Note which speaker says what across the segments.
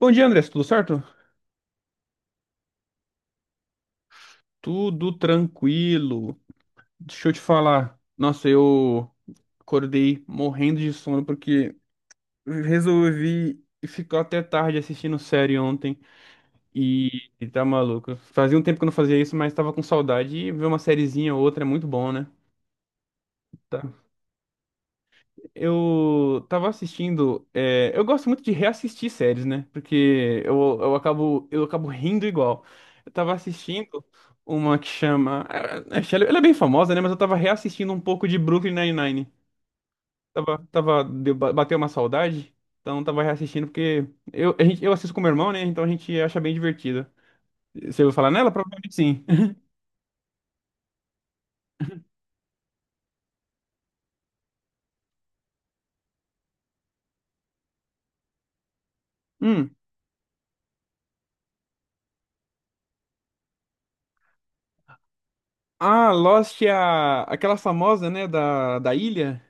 Speaker 1: Bom dia, André, tudo certo? Tudo tranquilo. Deixa eu te falar. Nossa, eu acordei morrendo de sono porque resolvi ficar até tarde assistindo série ontem e tá maluco. Fazia um tempo que eu não fazia isso, mas tava com saudade e ver uma sériezinha ou outra é muito bom, né? Tá. Eu tava assistindo. Eu gosto muito de reassistir séries, né? Porque eu acabo rindo igual. Eu tava assistindo uma que chama. Ela é bem famosa, né? Mas eu tava reassistindo um pouco de Brooklyn Nine-Nine. Bateu uma saudade. Então tava reassistindo porque eu assisto com meu irmão, né? Então a gente acha bem divertida. Você ouviu falar nela? Provavelmente sim. Hum. Ah, Lost é aquela famosa, né? Da ilha.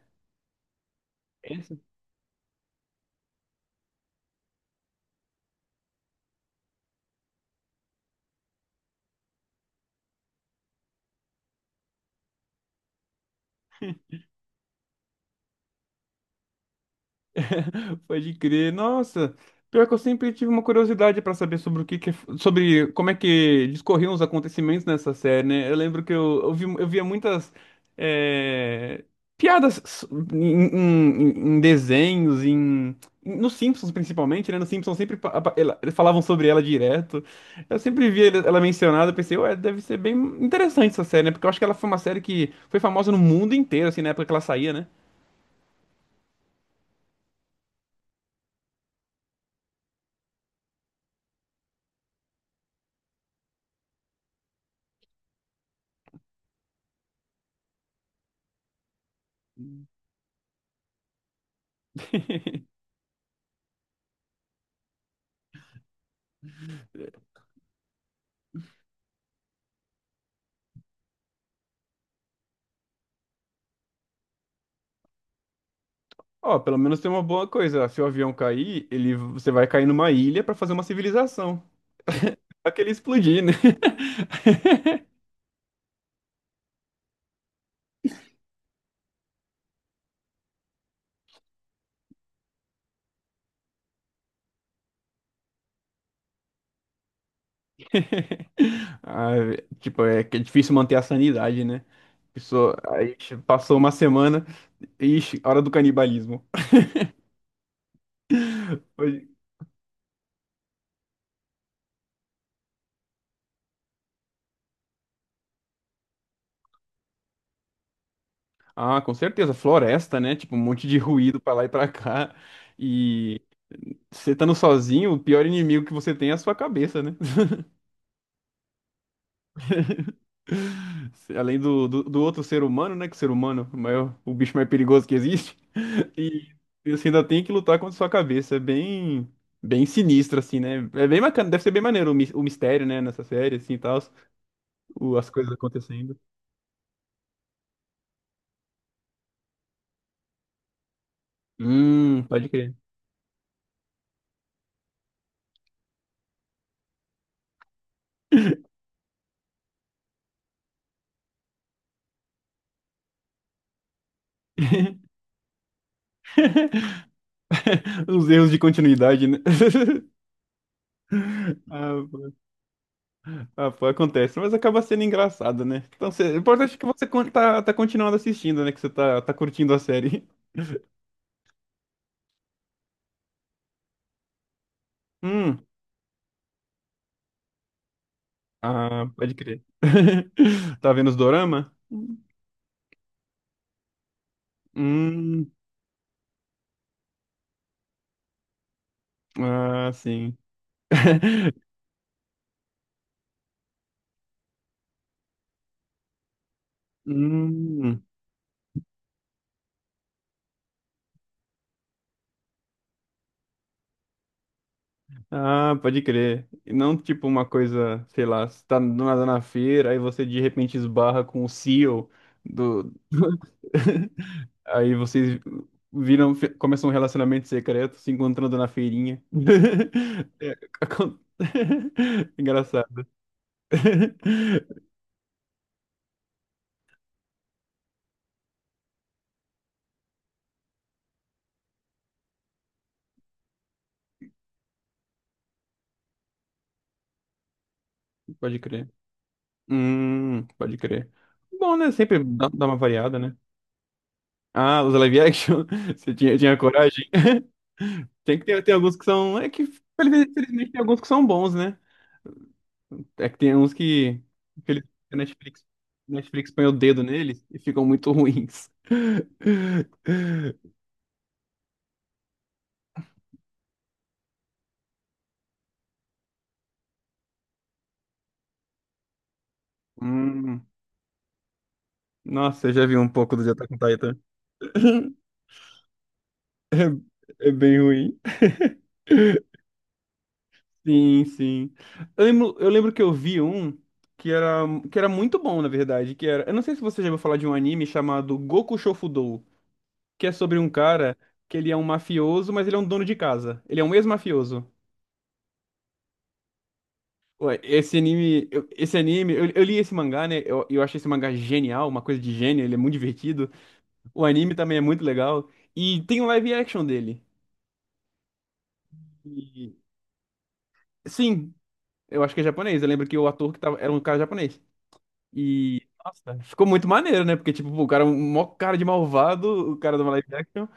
Speaker 1: Pode crer. Nossa, pior que eu sempre tive uma curiosidade pra saber sobre sobre como é que discorriam os acontecimentos nessa série, né? Eu lembro que eu via muitas é, piadas em desenhos, em nos Simpsons principalmente, né? Nos Simpsons sempre pa- apa- ela- eles falavam sobre ela direto. Eu sempre via ela mencionada, eu pensei, ué, deve ser bem interessante essa série, né? Porque eu acho que ela foi uma série que foi famosa no mundo inteiro, assim, na época que ela saía, né? Ó, pelo menos tem uma boa coisa. Se o avião cair, você vai cair numa ilha pra fazer uma civilização. Só que ele explodir, né? Ah, tipo, é que é difícil manter a sanidade, né? Pessoa, aí passou uma semana, ixi, hora do canibalismo. Foi- Ah, com certeza, floresta, né? Tipo, um monte de ruído pra lá e pra cá. E você estando sozinho, o pior inimigo que você tem é a sua cabeça, né? Além do outro ser humano, né? Que o ser humano é o maior, o bicho mais perigoso que existe. E e você ainda tem que lutar contra sua cabeça. É bem sinistro, assim, né? É bem bacana, deve ser bem maneiro o mistério, né? Nessa série, assim, e tal, as coisas acontecendo. Pode crer. Os erros de continuidade, né? Ah, pô, ah, pô, acontece, mas acaba sendo engraçado, né? Então, cê, o importante é que tá continuando assistindo, né? Que tá curtindo a série. Hum, ah, pode crer. Tá vendo os dorama? Hum, ah, sim. Hum, ah, pode crer. E não tipo uma coisa, sei lá, você tá do nada na feira, aí você de repente esbarra com o CEO do. Aí vocês começam um relacionamento secreto, se encontrando na feirinha. É, acon- Engraçado. Pode crer. Pode crer. Bom, né? Sempre dá uma variada, né? Ah, os live action? Você tinha coragem? Tem que ter, tem alguns que são. É que, infelizmente, tem alguns que são bons, né? É que tem uns que. Infelizmente, Netflix põe o dedo neles e ficam muito ruins. Hum, nossa, eu já vi um pouco do Attack on Titan. É bem ruim. Sim, sim. Eu lembro que eu vi um que era, que era muito bom, na verdade, que era, eu não sei se você já ouviu falar de um anime chamado Goku Shofudou, que é sobre um cara que ele é um mafioso, mas ele é um dono de casa. Ele é um ex-mafioso. Ué, esse anime, eu li esse mangá, né? Eu achei esse mangá genial, uma coisa de gênio, ele é muito divertido. O anime também é muito legal. E tem um live action dele. E- sim, eu acho que é japonês. Eu lembro que o ator que tava, era um cara japonês. E, nossa, ficou muito maneiro, né? Porque, tipo, pô, o cara, é um mó cara de malvado, o cara de uma live action,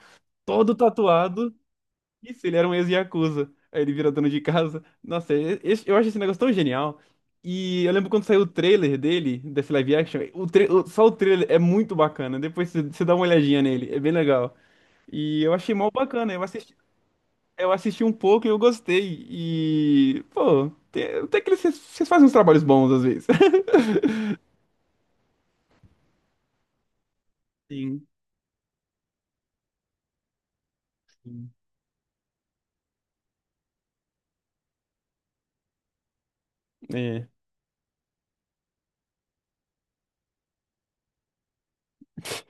Speaker 1: todo tatuado. Isso, ele era um ex-yakuza. Aí ele vira dono de casa. Nossa, eu acho esse negócio tão genial. E eu lembro quando saiu o trailer dele, desse live action, só o trailer é muito bacana. Depois você dá uma olhadinha nele, é bem legal. E eu achei mal bacana, eu assisti um pouco e eu gostei. E, pô, vocês fazem uns trabalhos bons às vezes. Sim, sim. É,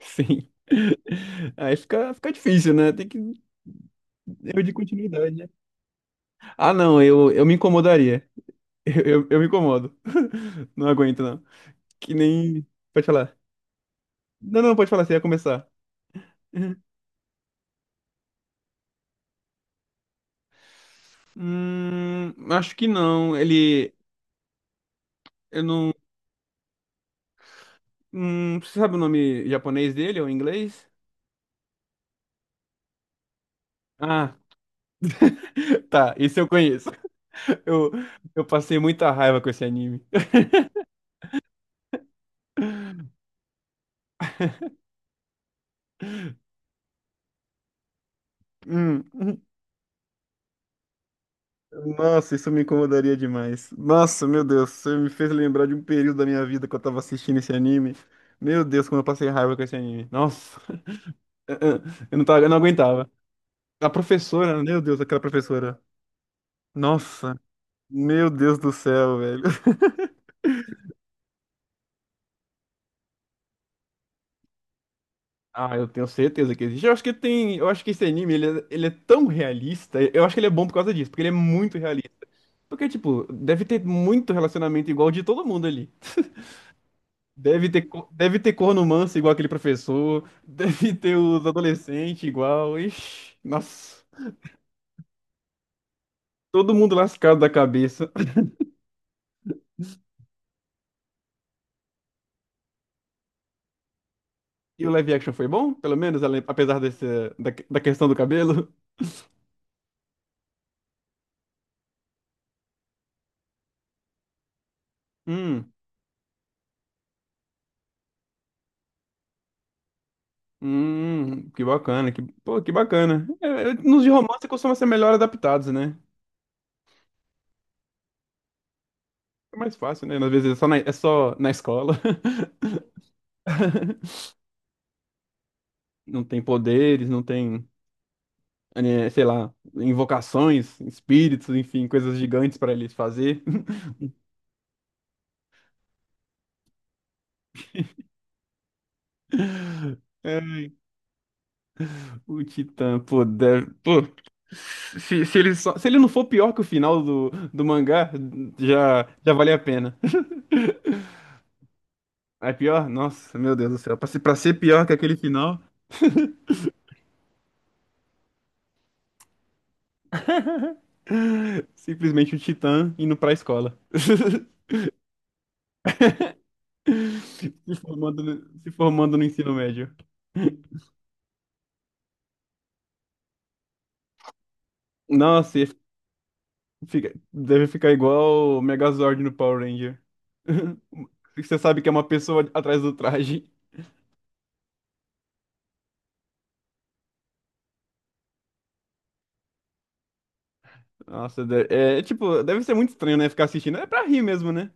Speaker 1: sim. Aí fica difícil, né? Tem que erro de continuidade, né? Ah, não, eu me incomodaria. Eu me incomodo. Não aguento, não. Que nem. Pode falar. Não, não, pode falar, você ia começar. Acho que não. Ele. Eu não. Você sabe o nome japonês dele ou inglês? Ah, tá, isso eu conheço. Eu, eu passei muita raiva com esse anime. Hum. Nossa, isso me incomodaria demais. Nossa, meu Deus, você me fez lembrar de um período da minha vida que eu tava assistindo esse anime. Meu Deus, como eu passei raiva com esse anime. Nossa, eu não tava, eu não aguentava. A professora, meu Deus, aquela professora. Nossa, meu Deus do céu, velho. Ah, eu tenho certeza que existe. Eu acho que tem, eu acho que esse anime, ele é tão realista. Eu acho que ele é bom por causa disso, porque ele é muito realista. Porque, tipo, deve ter muito relacionamento igual de todo mundo ali. Deve ter corno manso igual aquele professor, deve ter os adolescentes igual. Ixi, nossa, todo mundo lascado da cabeça. E o live action foi bom, pelo menos, apesar desse, da questão do cabelo? Hum, que bacana, pô, que bacana. Nos de romance costumam ser melhor adaptados, né? É mais fácil, né? Às vezes é é só na escola. Não tem poderes, não tem, eh, sei lá, invocações, espíritos, enfim, coisas gigantes para eles fazer. Ai, o Titã, pô, se ele só, se ele não for pior que o final do mangá, já vale a pena. É pior? Nossa, meu Deus do céu. Pra ser pior que aquele final, simplesmente o Titã indo pra escola. Se formando no ensino médio. Nossa, ia deve ficar igual o Megazord no Power Ranger. Você sabe que é uma pessoa atrás do traje. É, tipo, deve ser muito estranho, né? Ficar assistindo. É pra rir mesmo, né?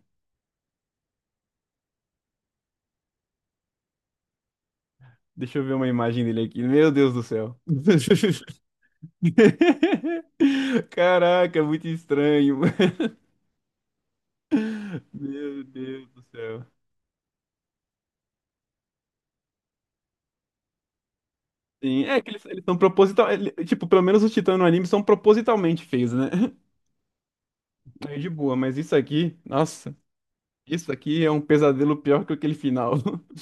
Speaker 1: Deixa eu ver uma imagem dele aqui. Meu Deus do céu. Caraca, é muito estranho. Meu Deus do céu. Sim, é que eles são proposital. Tipo, pelo menos os titãs no anime são propositalmente feios, né? Aí de boa, mas isso aqui, nossa, isso aqui é um pesadelo pior que aquele final.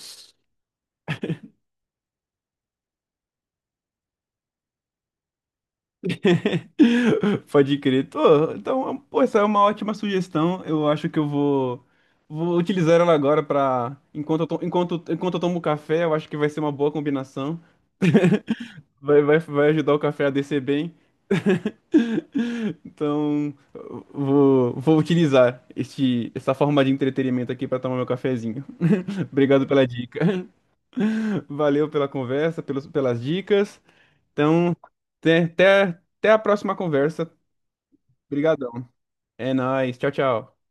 Speaker 1: Pode crer. Tô, então, pô, essa é uma ótima sugestão. Eu acho que vou utilizar ela agora para enquanto eu tomo café, eu acho que vai ser uma boa combinação. Vai ajudar o café a descer bem. Então, vou utilizar essa forma de entretenimento aqui para tomar meu cafezinho. Obrigado pela dica. Valeu pela conversa, pelas dicas. Então, até até a próxima conversa. Obrigado. É nóis. Tchau, tchau.